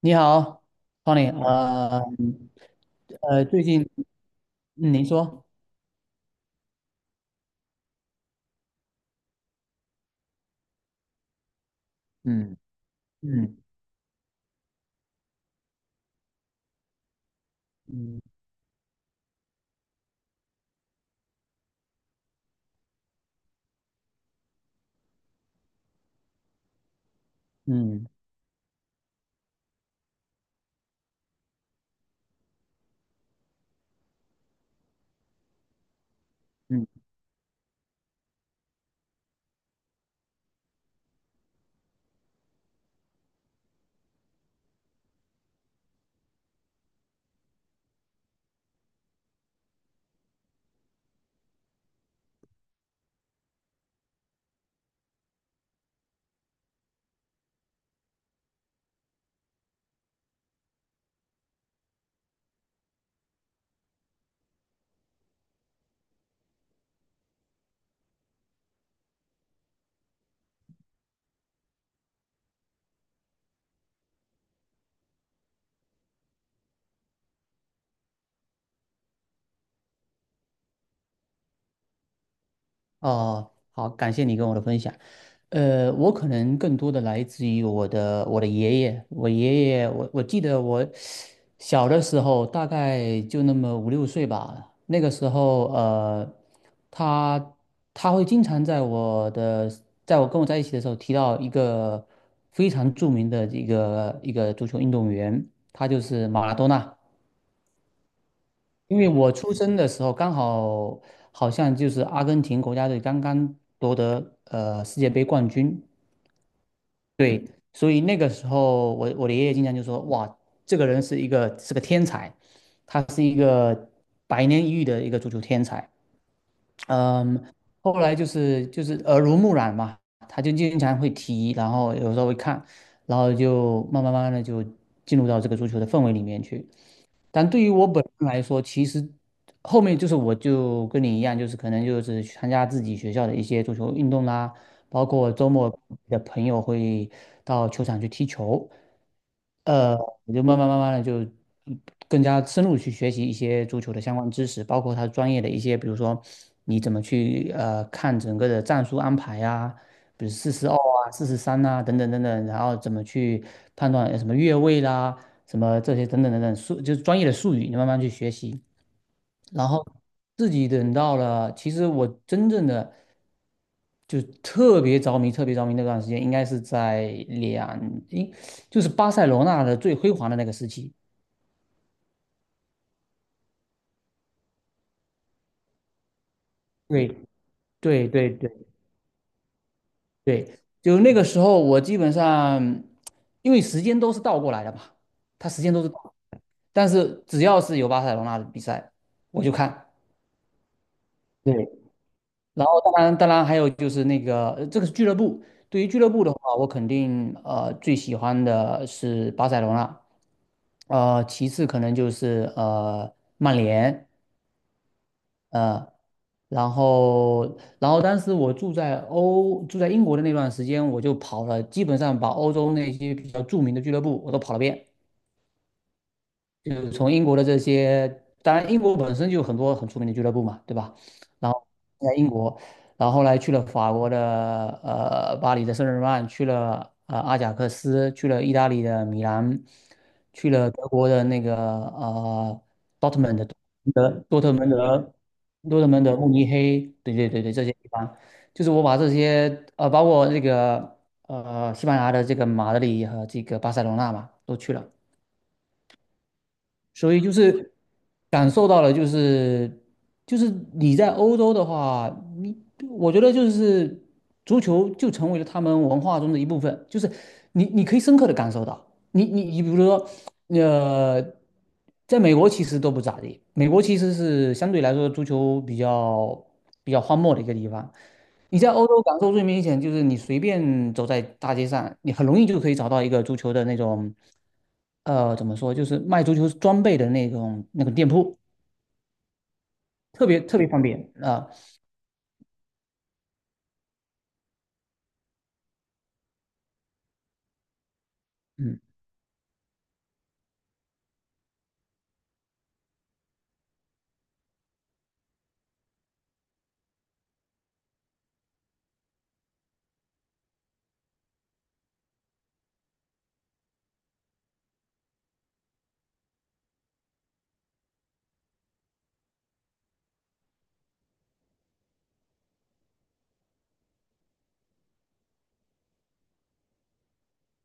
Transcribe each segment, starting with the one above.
你好，Tony，最近，嗯，您说，嗯嗯嗯嗯嗯，哦，好，感谢你跟我的分享。我可能更多的来自于我的爷爷，我爷爷，我记得我小的时候大概就那么五六岁吧，那个时候他他会经常在在我跟我在一起的时候提到一个非常著名的一个足球运动员，他就是马拉多纳。因为我出生的时候刚好好像就是阿根廷国家队刚刚夺得世界杯冠军，对，所以那个时候我的爷爷经常就说，哇，这个人是是个天才，他是一个百年一遇的一个足球天才，嗯，后来就是耳濡目染嘛，他就经常会提，然后有时候会看，然后就慢慢慢慢的就进入到这个足球的氛围里面去。但对于我本人来说，其实后面就是我就跟你一样，就是可能就是去参加自己学校的一些足球运动啦，包括周末的朋友会到球场去踢球，呃，我就慢慢慢慢的就更加深入去学习一些足球的相关知识，包括它专业的一些，比如说你怎么去看整个的战术安排啊，比如四十二啊、四十三啊等等等等，然后怎么去判断什么越位啦。什么这些等等等等术，就是专业的术语，你慢慢去学习。然后自己等到了，其实我真正的就特别着迷、特别着迷那段时间，应该是在两，应就是巴塞罗那的最辉煌的那个时期。对对对对对，就那个时候，我基本上因为时间都是倒过来的嘛，它时间都是倒，但是只要是有巴塞罗那的比赛，我就看。对，然后当然，还有就是那个，这个是俱乐部。对于俱乐部的话，我肯定最喜欢的是巴塞罗那，其次可能就是曼联，呃，然后当时我住在英国的那段时间，我就跑了，基本上把欧洲那些比较著名的俱乐部我都跑了遍。就是从英国的这些，当然英国本身就有很多很出名的俱乐部嘛，对吧？然后在英国，然后后来去了法国的巴黎的圣日耳曼，去了阿贾克斯，去了意大利的米兰，去了德国的那个Dortmund 的多特蒙德、多特蒙德、慕尼黑，对对对对，这些地方，就是我把这些包括这个西班牙的这个马德里和这个巴塞罗那嘛，都去了。所以就是感受到了，就是你在欧洲的话，我觉得就是足球就成为了他们文化中的一部分，就是你可以深刻的感受到，你比如说，呃，在美国其实都不咋地，美国其实是相对来说足球比较荒漠的一个地方，你在欧洲感受最明显就是你随便走在大街上，你很容易就可以找到一个足球的那种，怎么说，就是卖足球装备的那种那个店铺，特别特别方便啊、嗯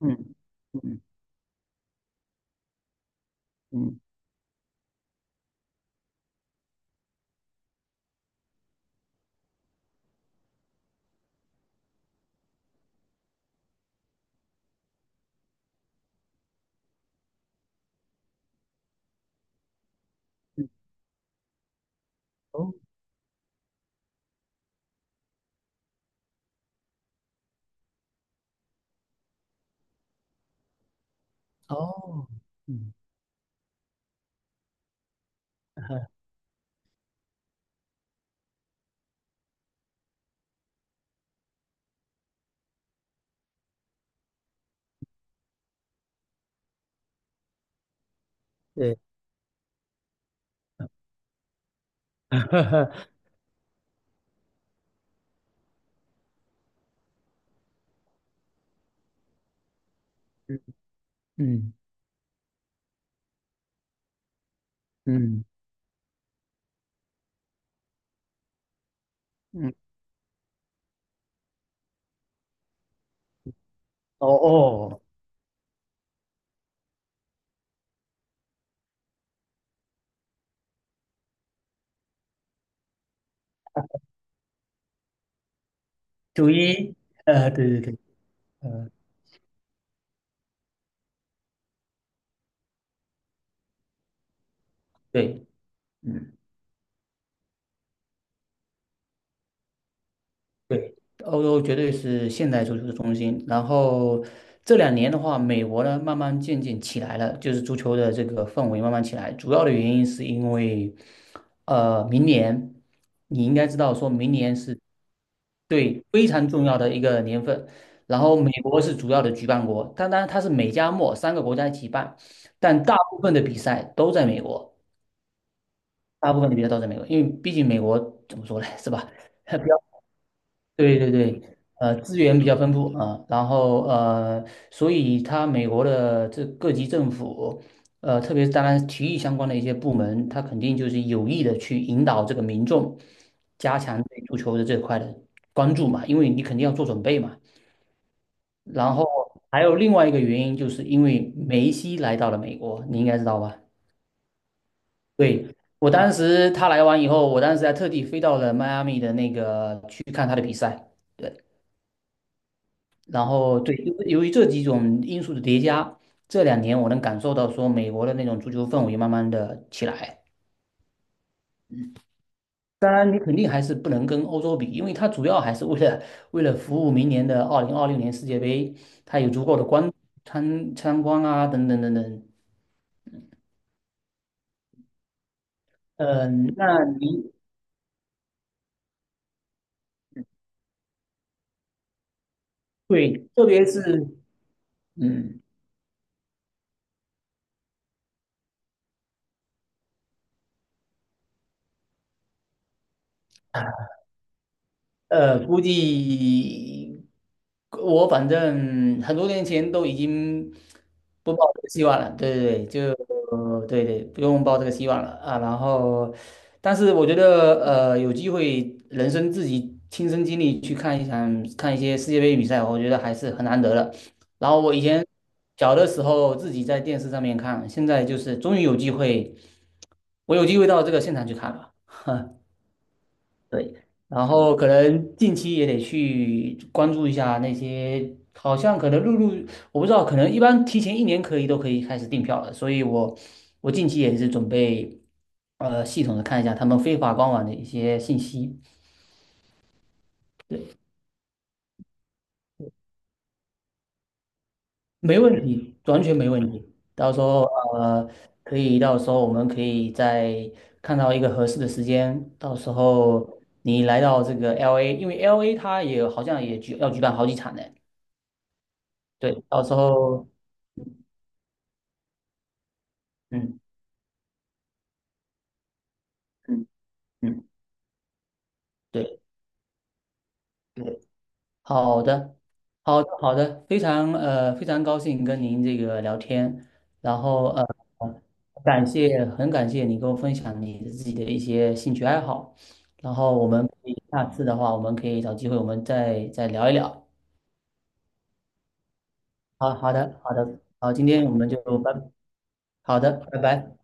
嗯嗯嗯嗯，哦哦，嗯，对，嗯嗯嗯，哦哦，9-1，对对对，呃，对。嗯。对，欧洲绝对是现代足球的中心。然后这两年的话，美国呢慢慢渐渐起来了，就是足球的这个氛围慢慢起来。主要的原因是因为，明年你应该知道，说明年是，对，非常重要的一个年份。然后美国是主要的举办国，当然它是美加墨三个国家一起办，但大部分的比赛都在美国，大部分的比赛都在美国，因为毕竟美国怎么说呢，是吧？比较。对对对，资源比较丰富啊，然后所以它美国的这各级政府，特别是当然体育相关的一些部门，它肯定就是有意的去引导这个民众加强对足球的这块的关注嘛，因为你肯定要做准备嘛。然后还有另外一个原因，就是因为梅西来到了美国，你应该知道吧？对，我当时他来完以后，我当时还特地飞到了迈阿密的那个去看他的比赛。对。然后对，由于这几种因素的叠加，这两年我能感受到说美国的那种足球氛围慢慢的起来。当然，你肯定还是不能跟欧洲比，因为它主要还是为了服务明年的2026年世界杯，它有足够的参观啊，等等等等。嗯、那你对，特别是嗯。估计我反正很多年前都已经不抱这个希望了。对对对，就对对，不用抱这个希望了啊。然后，但是我觉得，有机会人生自己亲身经历去看一些世界杯比赛，我觉得还是很难得的。然后我以前小的时候自己在电视上面看，现在就是终于有机会，我有机会到这个现场去看了。对，然后可能近期也得去关注一下那些，好像可能我不知道，可能一般提前一年都可以开始订票了，所以我近期也是准备，系统的看一下他们非法官网的一些信息，没问题，完全没问题。到时候呃，可以到时候我们可以再看到一个合适的时间，到时候你来到这个 LA，因为 LA 它也好像也要举办好几场呢。对，到时候，嗯嗯嗯，对对，好的，好的好的，非常非常高兴跟您这个聊天，然后很感谢你跟我分享你自己的一些兴趣爱好，然后我们可以下次的话，我们可以找机会我们再聊一聊。好好的好的，好，今天我们就拜，好的，拜拜。